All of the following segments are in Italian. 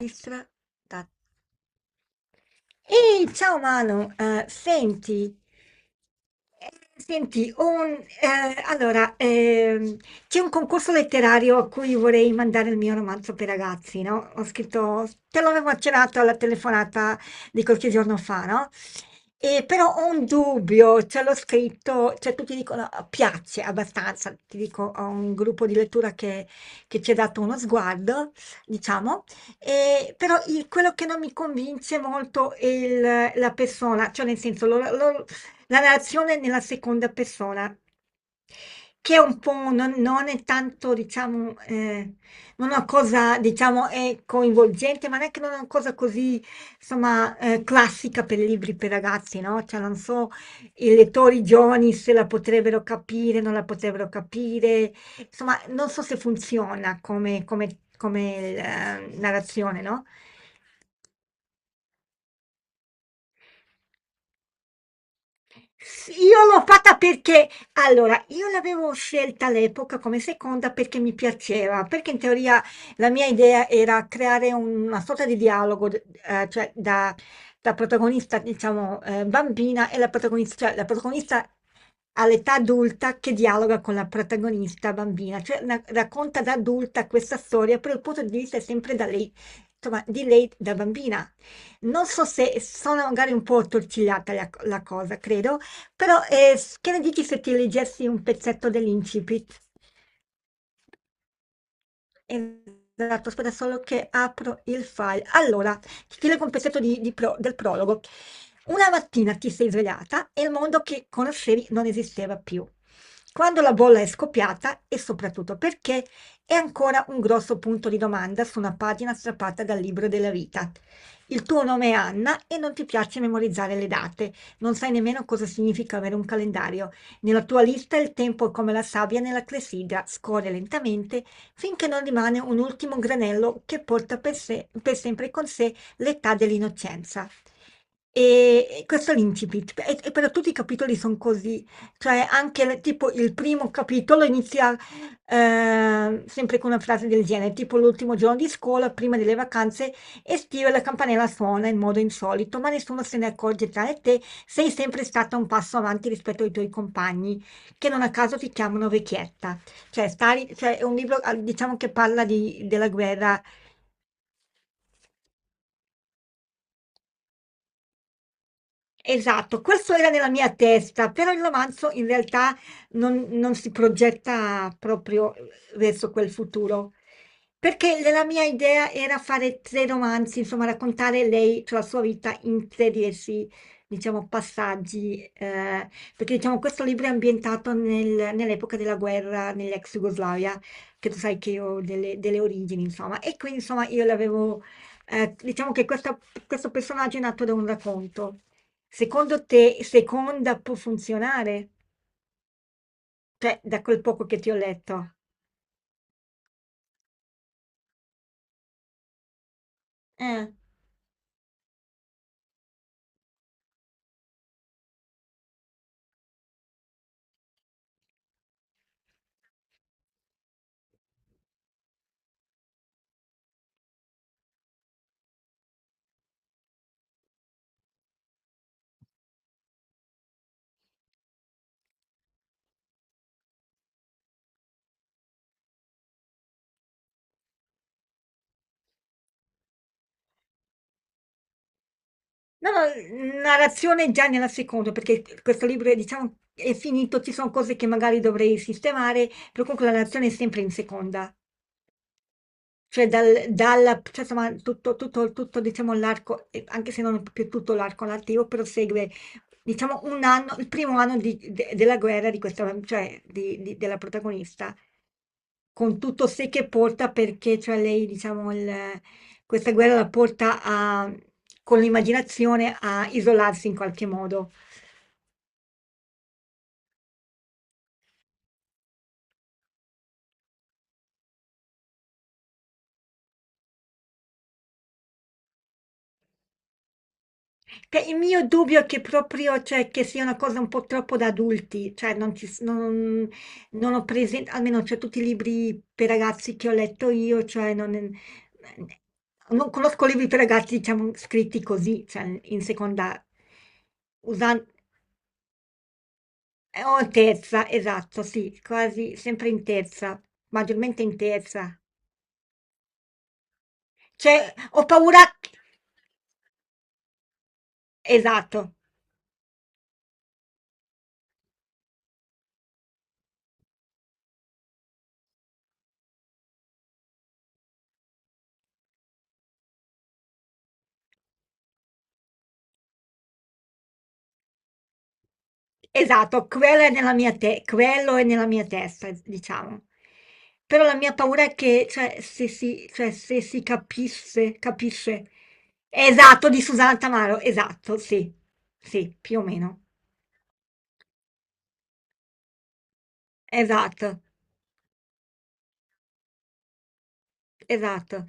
Registra. da- Ehi, ciao Manu, senti, eh, allora, c'è un concorso letterario a cui vorrei mandare il mio romanzo per ragazzi, no? Ho scritto, te l'avevo accennato alla telefonata di qualche giorno fa, no? E però ho un dubbio, ce l'ho scritto, cioè tutti dicono "Ah, piace abbastanza, ti dico, ho un gruppo di lettura che, ci ha dato uno sguardo, diciamo. Però quello che non mi convince molto è la persona, cioè nel senso la narrazione nella seconda persona, che è un po', non è tanto, diciamo, non è una cosa, diciamo, è coinvolgente, ma neanche non è una cosa così, insomma, classica per i libri per ragazzi, no? Cioè, non so, i lettori giovani se la potrebbero capire, non la potrebbero capire, insomma, non so se funziona come, come, narrazione, no? Sì, io l'ho fatta perché, allora, io l'avevo scelta all'epoca come seconda perché mi piaceva, perché in teoria la mia idea era creare una sorta di dialogo, cioè da, protagonista, diciamo, bambina e la protagonista, cioè la protagonista all'età adulta che dialoga con la protagonista bambina, cioè racconta da adulta questa storia, però il punto di vista è sempre da lei, insomma, di lei da bambina. Non so se sono magari un po' attorcigliata la cosa, credo. Però che ne dici se ti leggessi un pezzetto dell'incipit? Esatto, aspetta solo che apro il file. Allora, ti leggo un pezzetto del prologo. Una mattina ti sei svegliata e il mondo che conoscevi non esisteva più. Quando la bolla è scoppiata e soprattutto perché è ancora un grosso punto di domanda su una pagina strappata dal libro della vita. Il tuo nome è Anna e non ti piace memorizzare le date, non sai nemmeno cosa significa avere un calendario. Nella tua lista il tempo è come la sabbia nella clessidra, scorre lentamente finché non rimane un ultimo granello che porta per sempre con sé l'età dell'innocenza. E questo è l'incipit, e però tutti i capitoli sono così, cioè anche tipo il primo capitolo inizia sempre con una frase del genere, tipo l'ultimo giorno di scuola, prima delle vacanze estive, la campanella suona in modo insolito, ma nessuno se ne accorge tranne te, sei sempre stata un passo avanti rispetto ai tuoi compagni, che non a caso ti chiamano vecchietta. Cioè, Stalin, cioè, è un libro, ah, diciamo, che parla della guerra. Esatto, questo era nella mia testa, però il romanzo in realtà non si progetta proprio verso quel futuro, perché la mia idea era fare tre romanzi, insomma raccontare lei, cioè la sua vita in tre diversi, diciamo, passaggi, perché diciamo questo libro è ambientato nell'epoca della guerra nell'ex Jugoslavia, che tu sai che io ho delle origini, insomma, e quindi insomma io l'avevo, diciamo che questo personaggio è nato da un racconto. Secondo te, seconda può funzionare? Cioè, da quel poco che ti ho letto. Eh. No, no, narrazione già nella seconda, perché questo libro è, diciamo, è finito, ci sono cose che magari dovrei sistemare, però comunque la narrazione è sempre in seconda. Cioè, cioè, insomma, tutto, tutto, tutto, diciamo, l'arco, anche se non è proprio tutto l'arco narrativo, però segue, diciamo, un anno, il primo anno della guerra di questa, cioè, della protagonista. Con tutto sé che porta perché cioè lei diciamo questa guerra la porta a, con l'immaginazione a isolarsi in qualche modo. Che il mio dubbio è che proprio cioè, che sia una cosa un po' troppo da adulti, cioè non, non ho presente, almeno cioè, tutti i libri per ragazzi che ho letto io, cioè non, non conosco libri per ragazzi diciamo scritti così, cioè in seconda, usando. O in terza, esatto, sì, quasi sempre in terza, maggiormente in terza. Cioè, ho paura. Esatto, esatto, quello è nella mia, quello è nella mia testa, diciamo. Però la mia paura è che, cioè, se si capisse, capisce. Esatto, di Susanna Tamaro, esatto, sì, sì, più o meno. Esatto, esatto.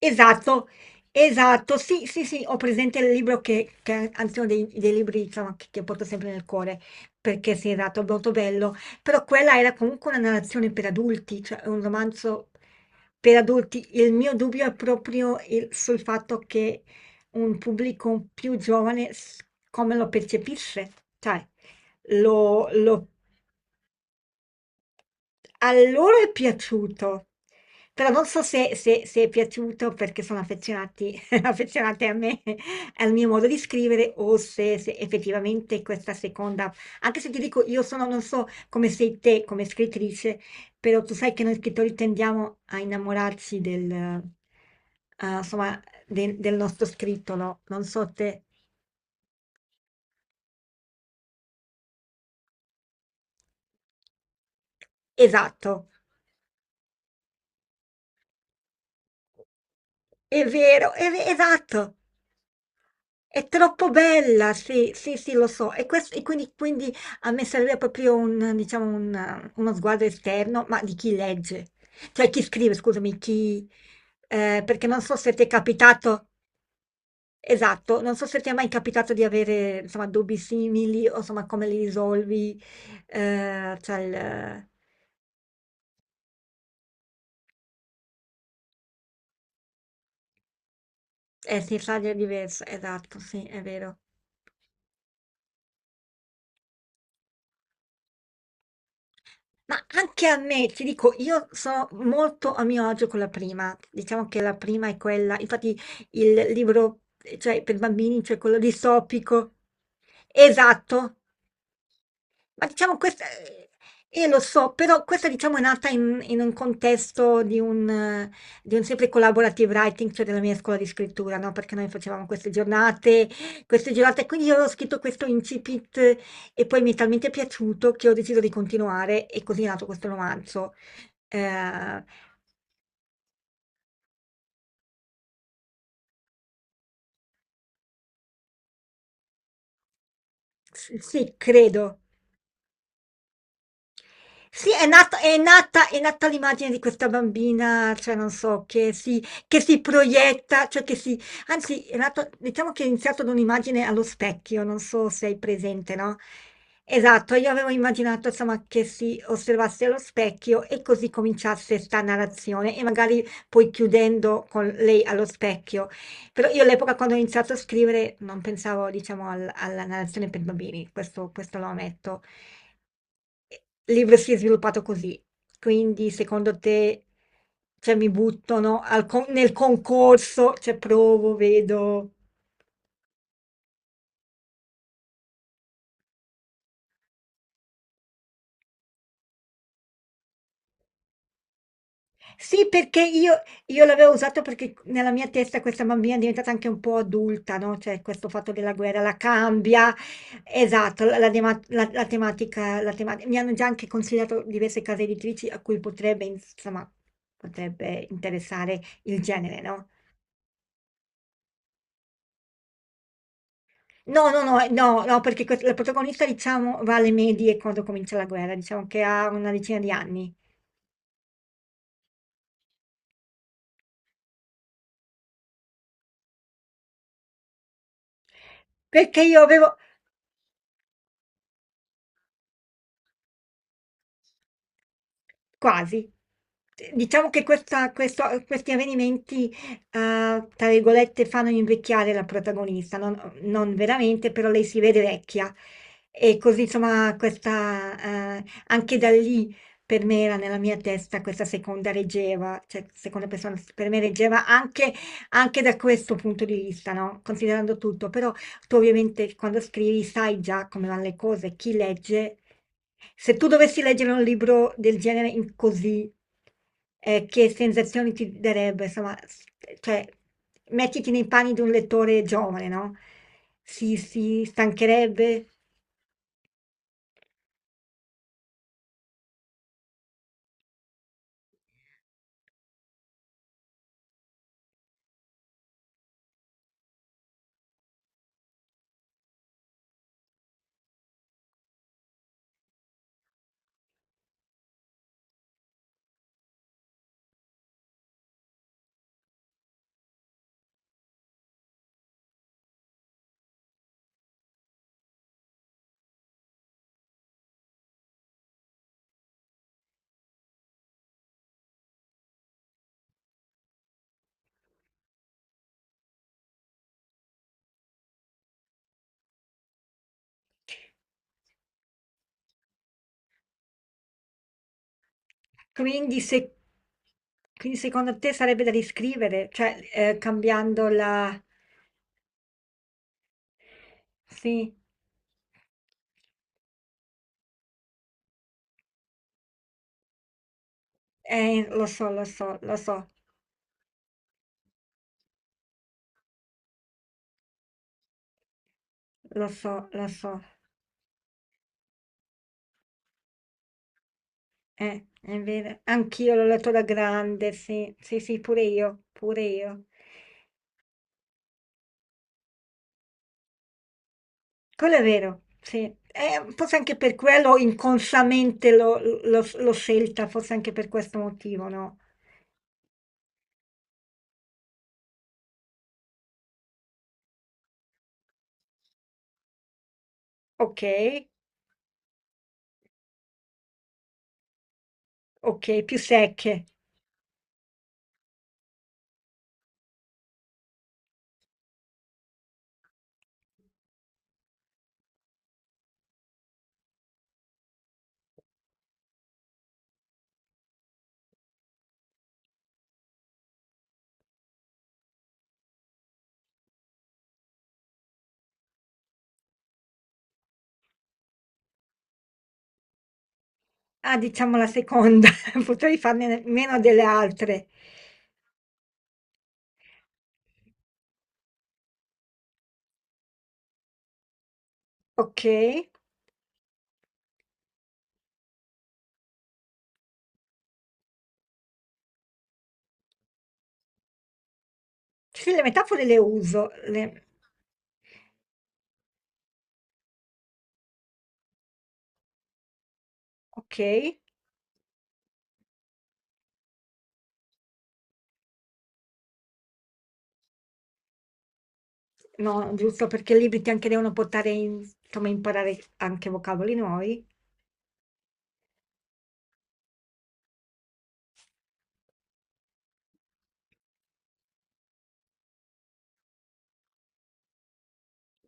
Esatto, esatto, sì, sì, sì, ho presente il libro che anzi uno dei libri diciamo, che porto sempre nel cuore, perché sì, esatto, è molto bello, però quella era comunque una narrazione per adulti, cioè un romanzo per adulti. Il mio dubbio è proprio sul fatto che un pubblico più giovane come lo percepisce, cioè lo, lo a loro è piaciuto, però non so se, se è piaciuto perché sono affezionati, affezionate a me, al mio modo di scrivere, o se, effettivamente questa seconda, anche se ti dico io sono, non so come sei te come scrittrice, però tu sai che noi scrittori tendiamo a innamorarci insomma, del nostro scritto, no? Non so te. Esatto, è vero, esatto. È troppo bella, sì, sì, sì, lo so. E, e quindi, quindi a me serve proprio un, diciamo, uno sguardo esterno, ma di chi legge, cioè chi scrive, scusami, chi. Perché non so se ti è capitato, esatto, non so se ti è mai capitato di avere, insomma, dubbi simili o insomma come li risolvi, cioè il. Eh sì, sarebbe diverso, esatto, sì, è vero. Ma anche a me, ti dico, io sono molto a mio agio con la prima. Diciamo che la prima è quella, infatti il libro, cioè per bambini, cioè quello distopico. Esatto, ma diciamo questa, io lo so, però questa diciamo è nata in un contesto di un, sempre collaborative writing, cioè della mia scuola di scrittura, no? Perché noi facevamo queste giornate, quindi io ho scritto questo incipit, e poi mi è talmente piaciuto che ho deciso di continuare e così è nato questo romanzo. Eh, sì, credo. Sì, è nata l'immagine di questa bambina, cioè non so, che si, proietta, cioè che si, anzi, è nato, diciamo che è iniziato da un'immagine allo specchio, non so se hai presente, no? Esatto, io avevo immaginato, insomma, che si osservasse allo specchio e così cominciasse sta narrazione e magari poi chiudendo con lei allo specchio. Però io all'epoca quando ho iniziato a scrivere non pensavo, diciamo, alla narrazione per bambini, questo lo ammetto. Il libro si è sviluppato così. Quindi, secondo te, cioè, mi buttano nel concorso, cioè provo, vedo. Sì, perché io l'avevo usato perché nella mia testa questa bambina è diventata anche un po' adulta, no? Cioè, questo fatto della guerra la cambia. Esatto, la tematica, la tematica. Mi hanno già anche consigliato diverse case editrici a cui potrebbe, insomma, potrebbe interessare il genere, no? No, no, no, no, no, perché la protagonista, diciamo, va alle medie quando comincia la guerra, diciamo che ha una decina di anni. Perché io avevo. Quasi. Diciamo che questi avvenimenti, tra virgolette, fanno invecchiare la protagonista, non, non veramente, però lei si vede vecchia. E così, insomma, questa, anche da lì per me era nella mia testa questa seconda reggeva, cioè seconda persona per me reggeva anche, anche da questo punto di vista, no? Considerando tutto, però tu ovviamente quando scrivi sai già come vanno le cose, chi legge. Se tu dovessi leggere un libro del genere in così, che sensazioni ti darebbe? Insomma, cioè, mettiti nei panni di un lettore giovane, no? Si stancherebbe. Quindi, se, quindi secondo te sarebbe da riscrivere, cioè cambiando la. Sì, lo so, lo so, lo so, lo so, lo so. È vero, anch'io l'ho letto da grande, sì, sì, sì, pure io, pure io. Quello è vero, sì. Forse anche per quello inconsciamente l'ho scelta, forse anche per questo motivo, no? Ok, ok, più secche. Ah, diciamo la seconda, potrei farne meno delle altre. Ok, sì, sì, le metafore le uso, ok, no, giusto perché i libri ti anche devono portare, insomma, imparare anche vocaboli nuovi.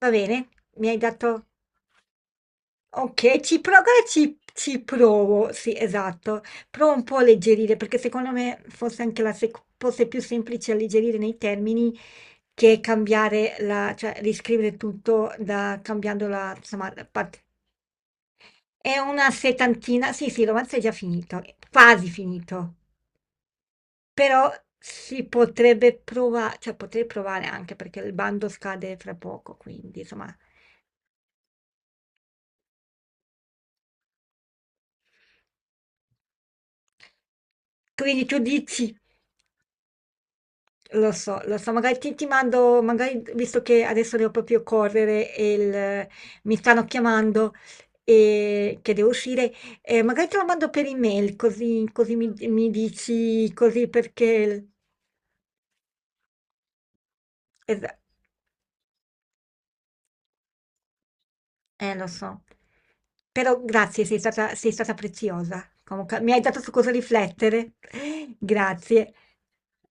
Va bene, mi hai dato. Ok, ci provo, allora ci provo, sì, esatto. Provo un po' a alleggerire, perché secondo me fosse anche fosse più semplice alleggerire nei termini che cambiare la, cioè riscrivere tutto da, cambiando la, insomma, la parte. È una settantina, sì, sì, il romanzo è già finito, è quasi finito, però si potrebbe provare, cioè potrei provare anche perché il bando scade fra poco, quindi insomma. Quindi tu dici. Lo so, magari ti mando, magari visto che adesso devo proprio correre e mi stanno chiamando e che devo uscire, magari te lo mando per email così, così mi dici così perché. es- lo so. Però grazie, sei stata preziosa. Comunque, mi hai dato su cosa riflettere. Grazie.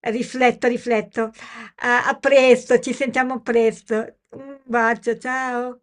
Rifletto, rifletto. A presto, ci sentiamo presto. Un bacio, ciao.